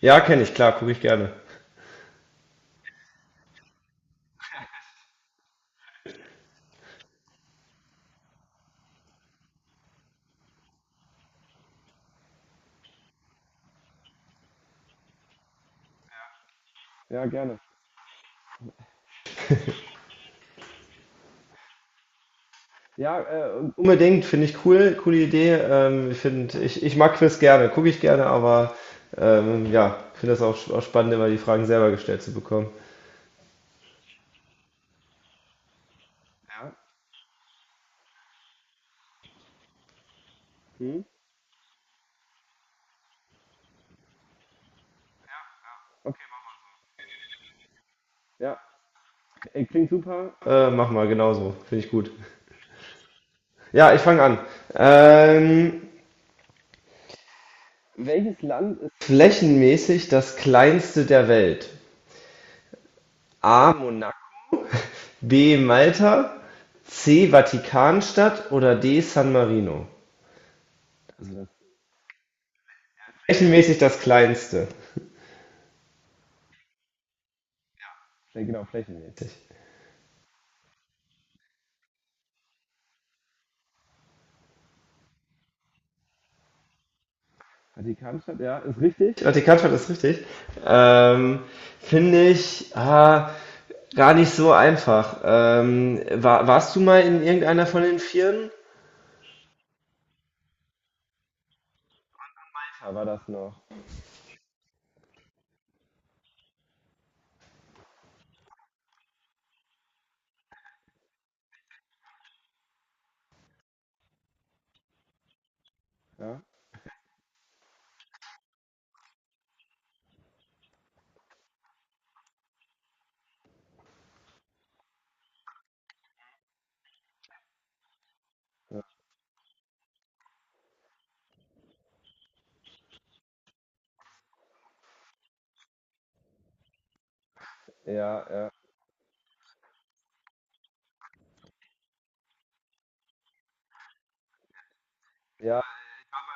Ja, kenne ich, klar, gucke ich gerne. Ja, gerne. Ja, unbedingt, finde ich cool, coole Idee. Ich mag Quiz gerne, gucke ich gerne, aber ja, finde das auch, auch spannend, immer die Fragen selber gestellt zu bekommen. Ja. Mach mal genauso, finde ich gut. Ja, ich fange an. Ähm, Flächenmäßig das kleinste der Welt. A. Monaco, B. Malta, C. Vatikanstadt oder D. San Marino. Flächenmäßig das kleinste. Vatikanstadt ist richtig. Ähm, Finde ich gar nicht so einfach. Warst du mal in irgendeiner von den Vieren?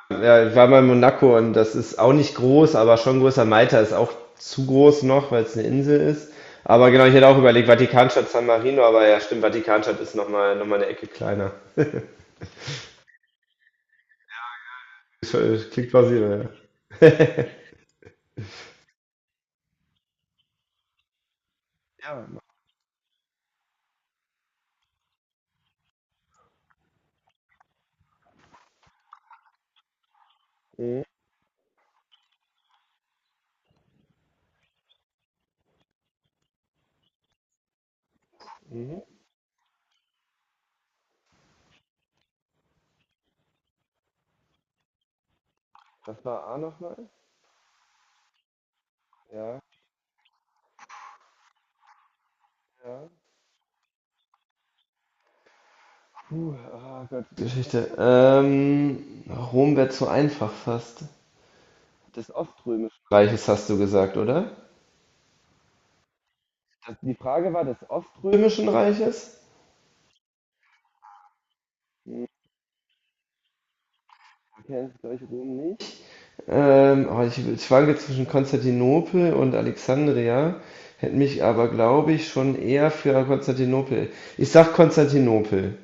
Ja, ich war mal in Monaco und das ist auch nicht groß, aber schon größer. Malta ist auch zu groß noch, weil es eine Insel ist. Aber genau, ich hätte auch überlegt, Vatikanstadt, San Marino, aber ja, stimmt, Vatikanstadt ist nochmal noch mal eine Ecke kleiner. Das klingt plausibel, ja. Geschichte. Rom wäre zu einfach fast. Reiches hast du gesagt, oder? Die Frage war des Oströmischen Reiches. Ich schwanke zwischen Konstantinopel und Alexandria, hätte mich aber, glaube ich, schon eher für Konstantinopel. Ich sag Konstantinopel.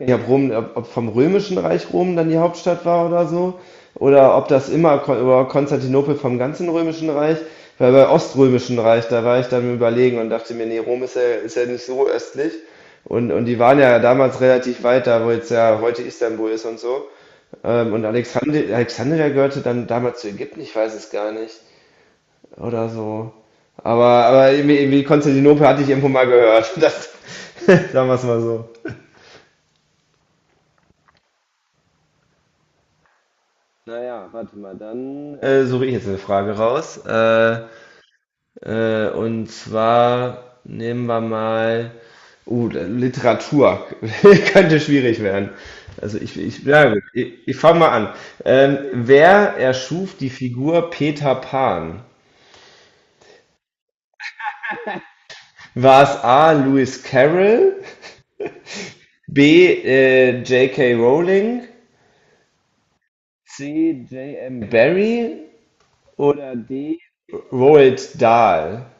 Ja, ob vom römischen Reich Rom dann die Hauptstadt war oder so, oder ob das immer Kon oder Konstantinopel vom ganzen römischen Reich, weil bei oströmischen Reich, da war ich dann im überlegen und dachte mir, nee, Rom ist ja nicht so östlich. Und die waren ja damals relativ weit da, wo jetzt ja heute Istanbul ist und so. Und Alexandria gehörte dann damals zu Ägypten, ich weiß es gar nicht. Oder so. Aber, aber irgendwie Konstantinopel hatte ich irgendwo mal gehört. Das, sagen wir es mal so. Suche ich jetzt eine Frage raus. Und zwar nehmen wir mal. Literatur könnte schwierig werden. Also ich, ja, gut, ich fange mal an. Wer erschuf die Figur Peter Pan? War es A. Lewis Carroll, B. J K Rowling, C. J M Barrie oder D. Roald Dahl?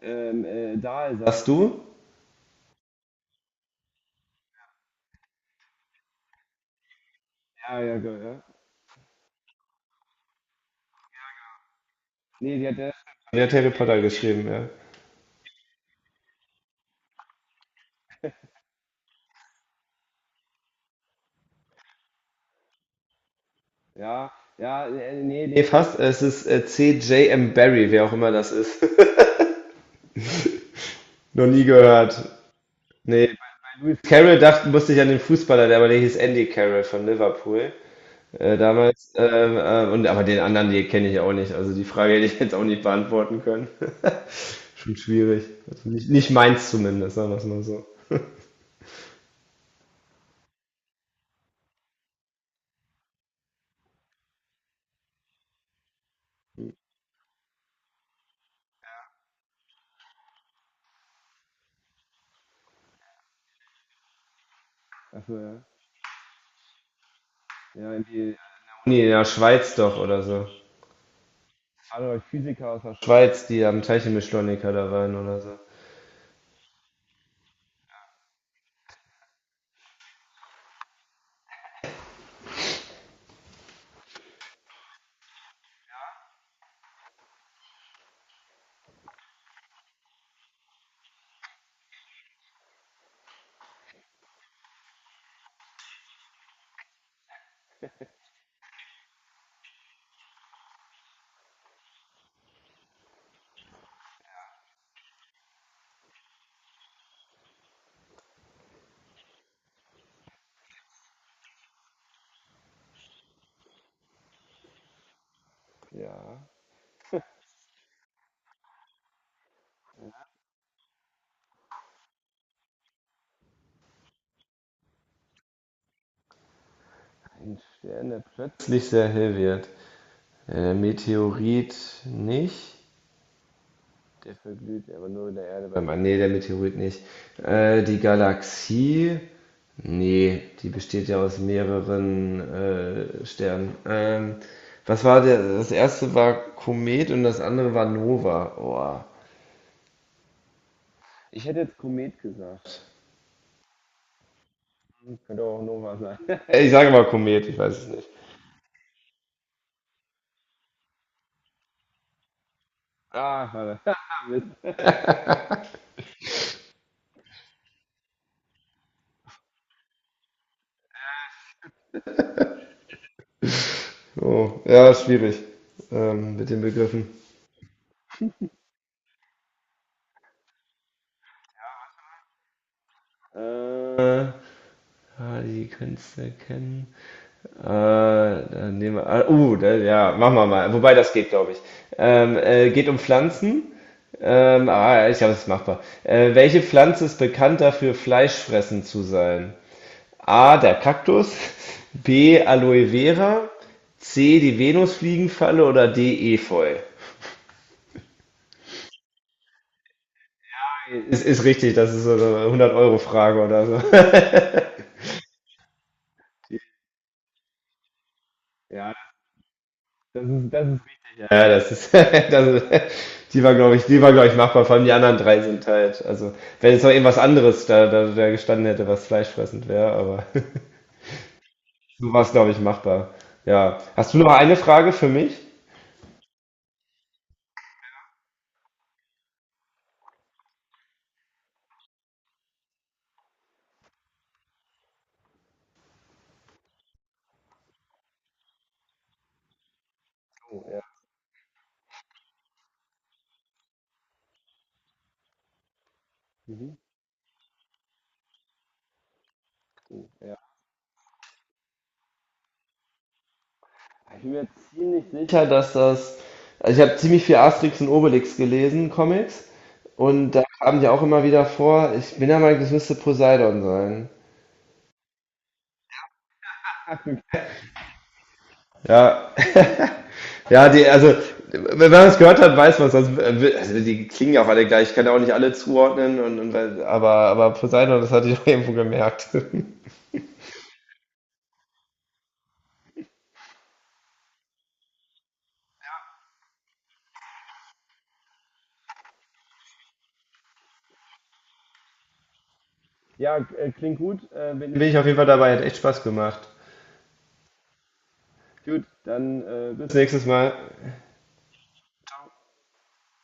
Dahl sagst du? Der hat Harry Potter geschrieben, ja. Ja, ja, nee, nee, nee, fast. Es ist C J M Barry, wer auch immer das ist. Noch nie gehört. Nee, bei Carroll dachte, musste ich an den Fußballer, der aber der hieß Andy Carroll von Liverpool damals. Und aber den anderen, die kenne ich auch nicht. Also die Frage hätte ich jetzt auch nicht beantworten können. Schon schwierig. Also nicht, nicht meins zumindest, sagen wir es mal so. Nee, in der Schweiz doch oder so. Alle Physiker aus der Schweiz, die am Teilchenbeschleuniger da waren oder so. Ist nicht sehr hilfreich. Der Meteorit nicht. Der verglüht aber nur der Erde beim. An. Nee, der Meteorit nicht. Die Galaxie. Nee, die besteht ja aus mehreren Sternen. Was war der? Das erste war Komet und das andere war Nova. Oh. Ich sage mal Komet, ich weiß es nicht. Oh, ja, schwierig mit den Begriffen. Äh, Die kannst du kennen. Dann nehmen wir, ja, machen wir mal. Wobei das geht, glaube ich. Geht um Pflanzen. Ja, ich glaube, das ist machbar. Welche Pflanze ist bekannt dafür, Fleischfressen zu sein? A, der Kaktus, B, Aloe Vera, C, die Venusfliegenfalle oder D, Efeu? Ist richtig, das ist so eine 100-Euro-Frage oder so. Ja, das ist, das die war, glaube ich, machbar. Vor allem die anderen drei sind halt, also, wenn jetzt noch irgendwas anderes da gestanden hätte, was fleischfressend wäre, aber so war es, glaube ich, machbar. Ja. Hast du noch eine Frage für mich? Ich bin mir ziemlich sicher, dass das, also ich habe ziemlich viel Asterix und Obelix gelesen, Comics, und da kamen die auch immer wieder vor. Ich bin der Meinung, das müsste Poseidon sein. Ja. Ja, die, also, wenn man es gehört hat, weiß man es. Also, die klingen ja auch alle gleich. Ich kann ja auch nicht alle zuordnen, aber Poseidon, das hatte ich auch irgendwo gemerkt. Bin ich auf jeden Fall dabei, hat echt Spaß gemacht. Bis nächstes Mal.